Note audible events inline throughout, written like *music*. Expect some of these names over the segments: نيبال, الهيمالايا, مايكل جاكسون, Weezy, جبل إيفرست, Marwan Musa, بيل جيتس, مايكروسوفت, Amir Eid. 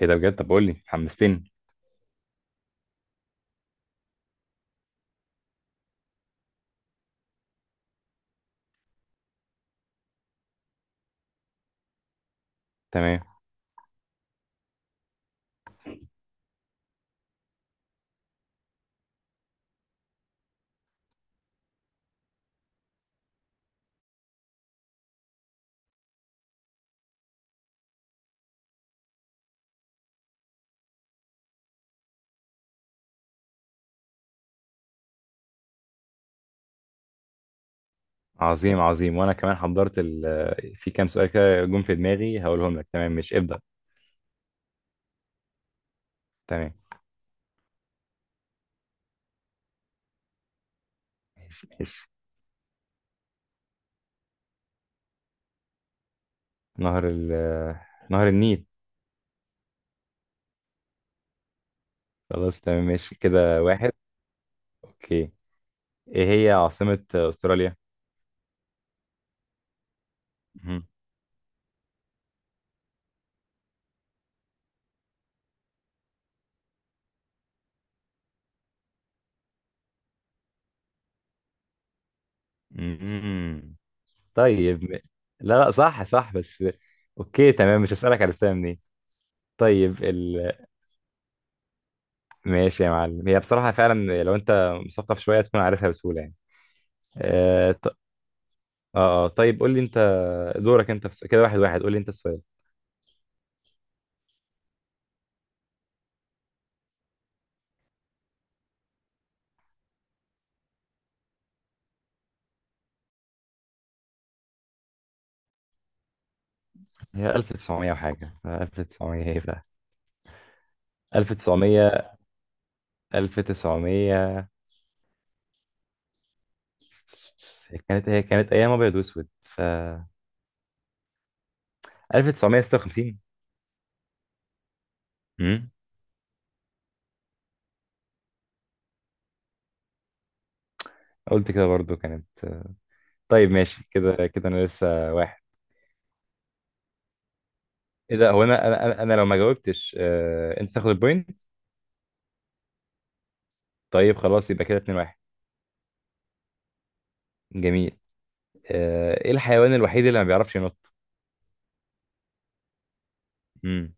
ايه ده بجد؟ طب قول لي، حمستني. تمام، عظيم عظيم. وانا كمان حضرت في كام سؤال كده جم في دماغي هقولهم لك. تمام، مش ابدأ؟ تمام، ماشي ماشي. نهر ال... نهر النيل. خلاص تمام، ماشي كده واحد. اوكي، ايه هي عاصمة استراليا؟ مهم. مهم. طيب م- لا لا، صح صح، بس اوكي تمام، مش هسألك عرفتها منين. طيب ال... ماشي يا معلم، هي بصراحة فعلا لو انت مثقف شوية تكون عارفها بسهولة يعني. آه، اه اه، طيب قول لي انت، دورك انت في كده واحد واحد، قول لي انت السؤال. هي 1900 وحاجه، ف 1900 ايه بقى؟ 1900. 1900 هي كانت ايام ابيض واسود، ف 1956. امم قلت كده برضو كانت. طيب ماشي كده كده انا لسه واحد. ايه ده، هو انا انا انا أنا لو ما جاوبتش، انت تاخد البوينت. طيب خلاص، يبقى كده 2-1. جميل. ايه الحيوان الوحيد اللي ما بيعرفش ينط؟ امم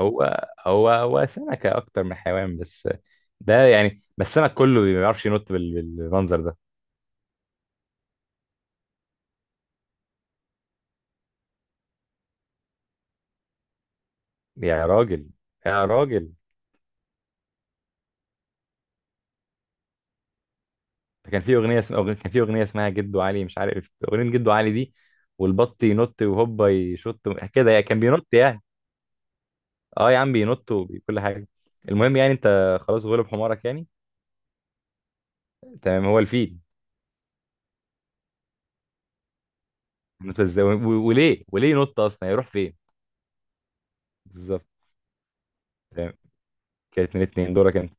هو سمكة أكتر من حيوان بس، ده يعني. بس السمك كله ما بيعرفش ينط بالمنظر ده. يا راجل، يا راجل، ده كان في أغنية اسمها جدو علي. مش عارف أغنية جدو علي دي؟ والبط ينط وهوبا يشط، كده يعني كان بينط يعني. اه يا عم، بينط وكل حاجة. المهم يعني أنت خلاص غلب حمارك يعني. تمام، هو الفيل. انت ازاي وليه ينط أصلا؟ يروح فين؟ بالظبط. تمام، كانت من اتنين. دورك أنت.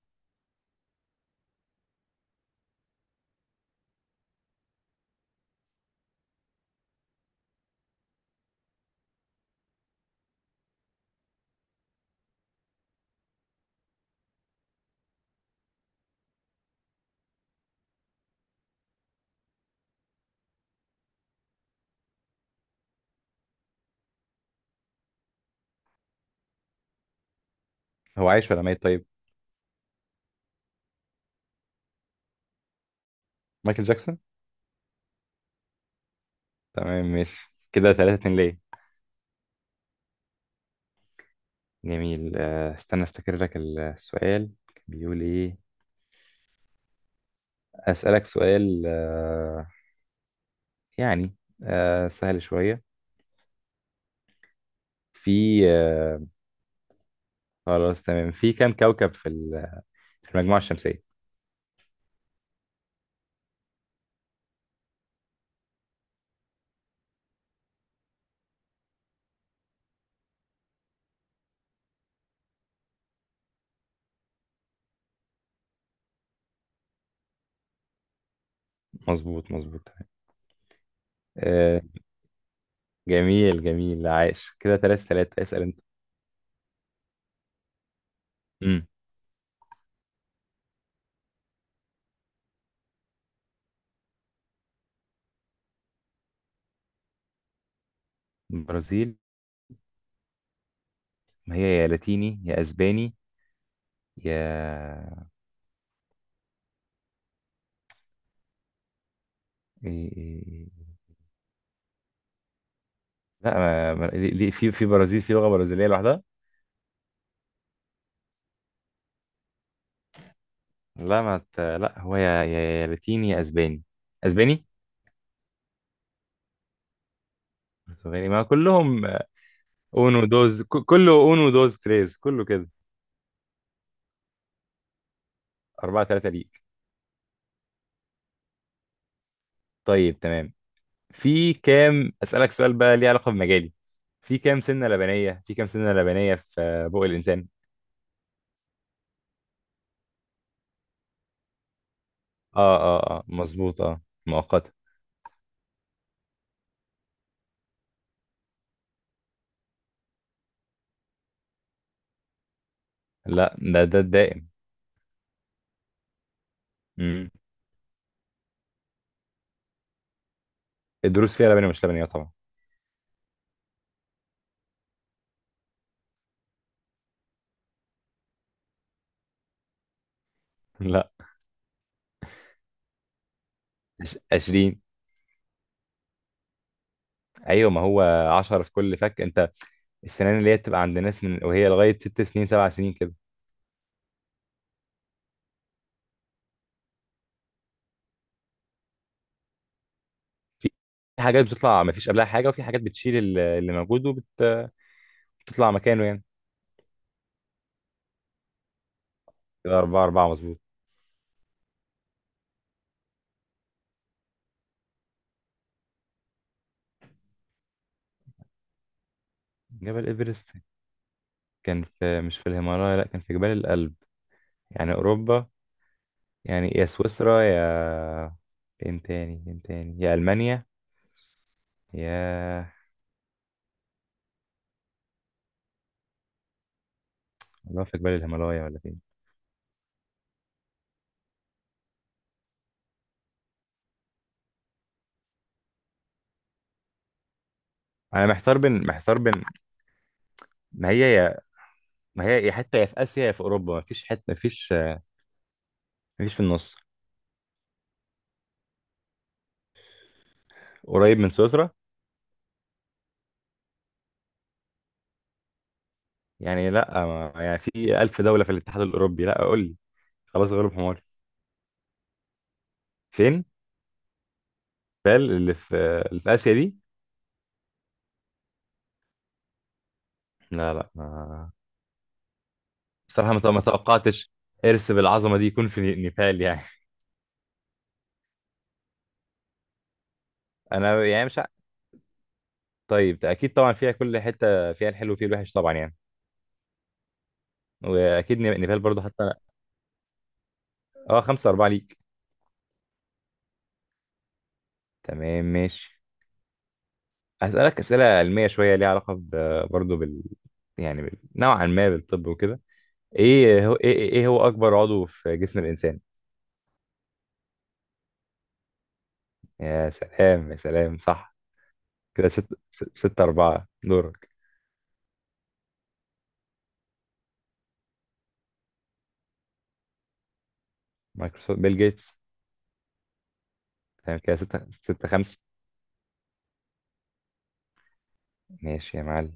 هو عايش ولا ميت طيب؟ مايكل جاكسون. تمام، ماشي كده 3-2 ليه. جميل. استنى افتكر لك السؤال كان بيقول ايه. اسألك سؤال، يعني سهل شوية. في آه، خلاص تمام، في كم كوكب في في المجموعة الشمسية؟ مظبوط مظبوط، تمام. آه، جميل جميل، عايش. كده 3-3، اسأل انت. امم البرازيل، ما هي يا لاتيني يا اسباني، يا إيه. لا ما... ما... ليه- ليه- في برازيل، في لغة برازيلية لوحدها. لا ما ت... لا، هو يا يا لاتيني يا اسباني. اسباني. اسباني، ما كلهم. اونو دوز كله، اونو دوز تريز، كله كده. 4-3 ليك. طيب تمام، في كام أسألك سؤال بقى ليه علاقة بمجالي. في كام سنة لبنية في بق الإنسان؟ اه اه اه، مظبوط اه، مؤقتة. لا، ده الدائم. مم. الدروس فيها لبنية مش لبنية طبعا. لا، 20. ايوه ما هو 10 في كل فك. انت، السنان اللي هي بتبقى عند ناس من وهي لغايه 6 سنين 7 سنين كده. في حاجات بتطلع ما فيش قبلها حاجه، وفي حاجات بتشيل اللي موجود وبتطلع مكانه يعني. كده 4-4، مظبوط. جبل إيفرست كان في، مش في الهيمالايا، لأ كان في جبال الألب. يعني أوروبا، يعني يا سويسرا، يا فين تاني فين تاني، يا ألمانيا، يا... والله في جبال الهيمالايا ولا فين. أنا محتار بين، ما هي يا ما هي يا حتة، يا في آسيا يا في أوروبا، ما فيش حتة، ما فيش في النص. قريب من سويسرا. يعني لأ، يعني في ألف دولة في الاتحاد الأوروبي؟ لأ، قول لي، خلاص غلب حمار. فين؟ بال اللي في آسيا دي. لا لا، ما بصراحة، ما توقعتش إرث بالعظمة دي يكون في نيبال يعني *laughs* أنا يعني مش. طيب أكيد طبعا فيها، كل حتة فيها الحلو وفيها الوحش طبعا يعني. وأكيد نيبال برضو حتى. أه، 5-4 ليك. تمام ماشي، هسألك أسئلة علمية شوية ليها علاقة برضو. يعني نوعا ما بالطب وكده. إيه هو أكبر عضو في جسم الإنسان؟ يا سلام يا سلام، صح. كده 6-4، دورك. مايكروسوفت، بيل جيتس. تمام كده ستة خمسة. ماشي يا معلم،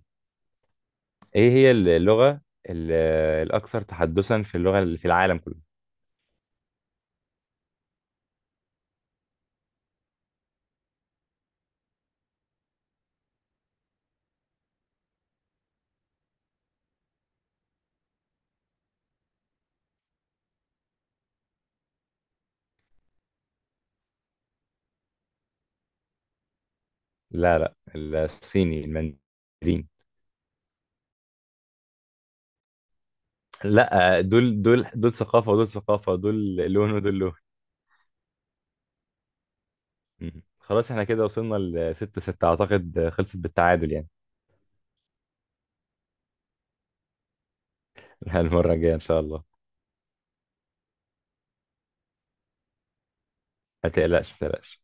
ايه هي اللغة ال- الأكثر تحدثا في اللغة اللي في العالم كله؟ لا لا، الصيني المندرين. لا، دول ثقافة ودول ثقافة، دول لون ودول لون. مم. خلاص احنا كده وصلنا لستة ستة، أعتقد خلصت بالتعادل يعني. *laughs* المرة الجاية إن شاء الله. ما تقلقش ما تقلقش.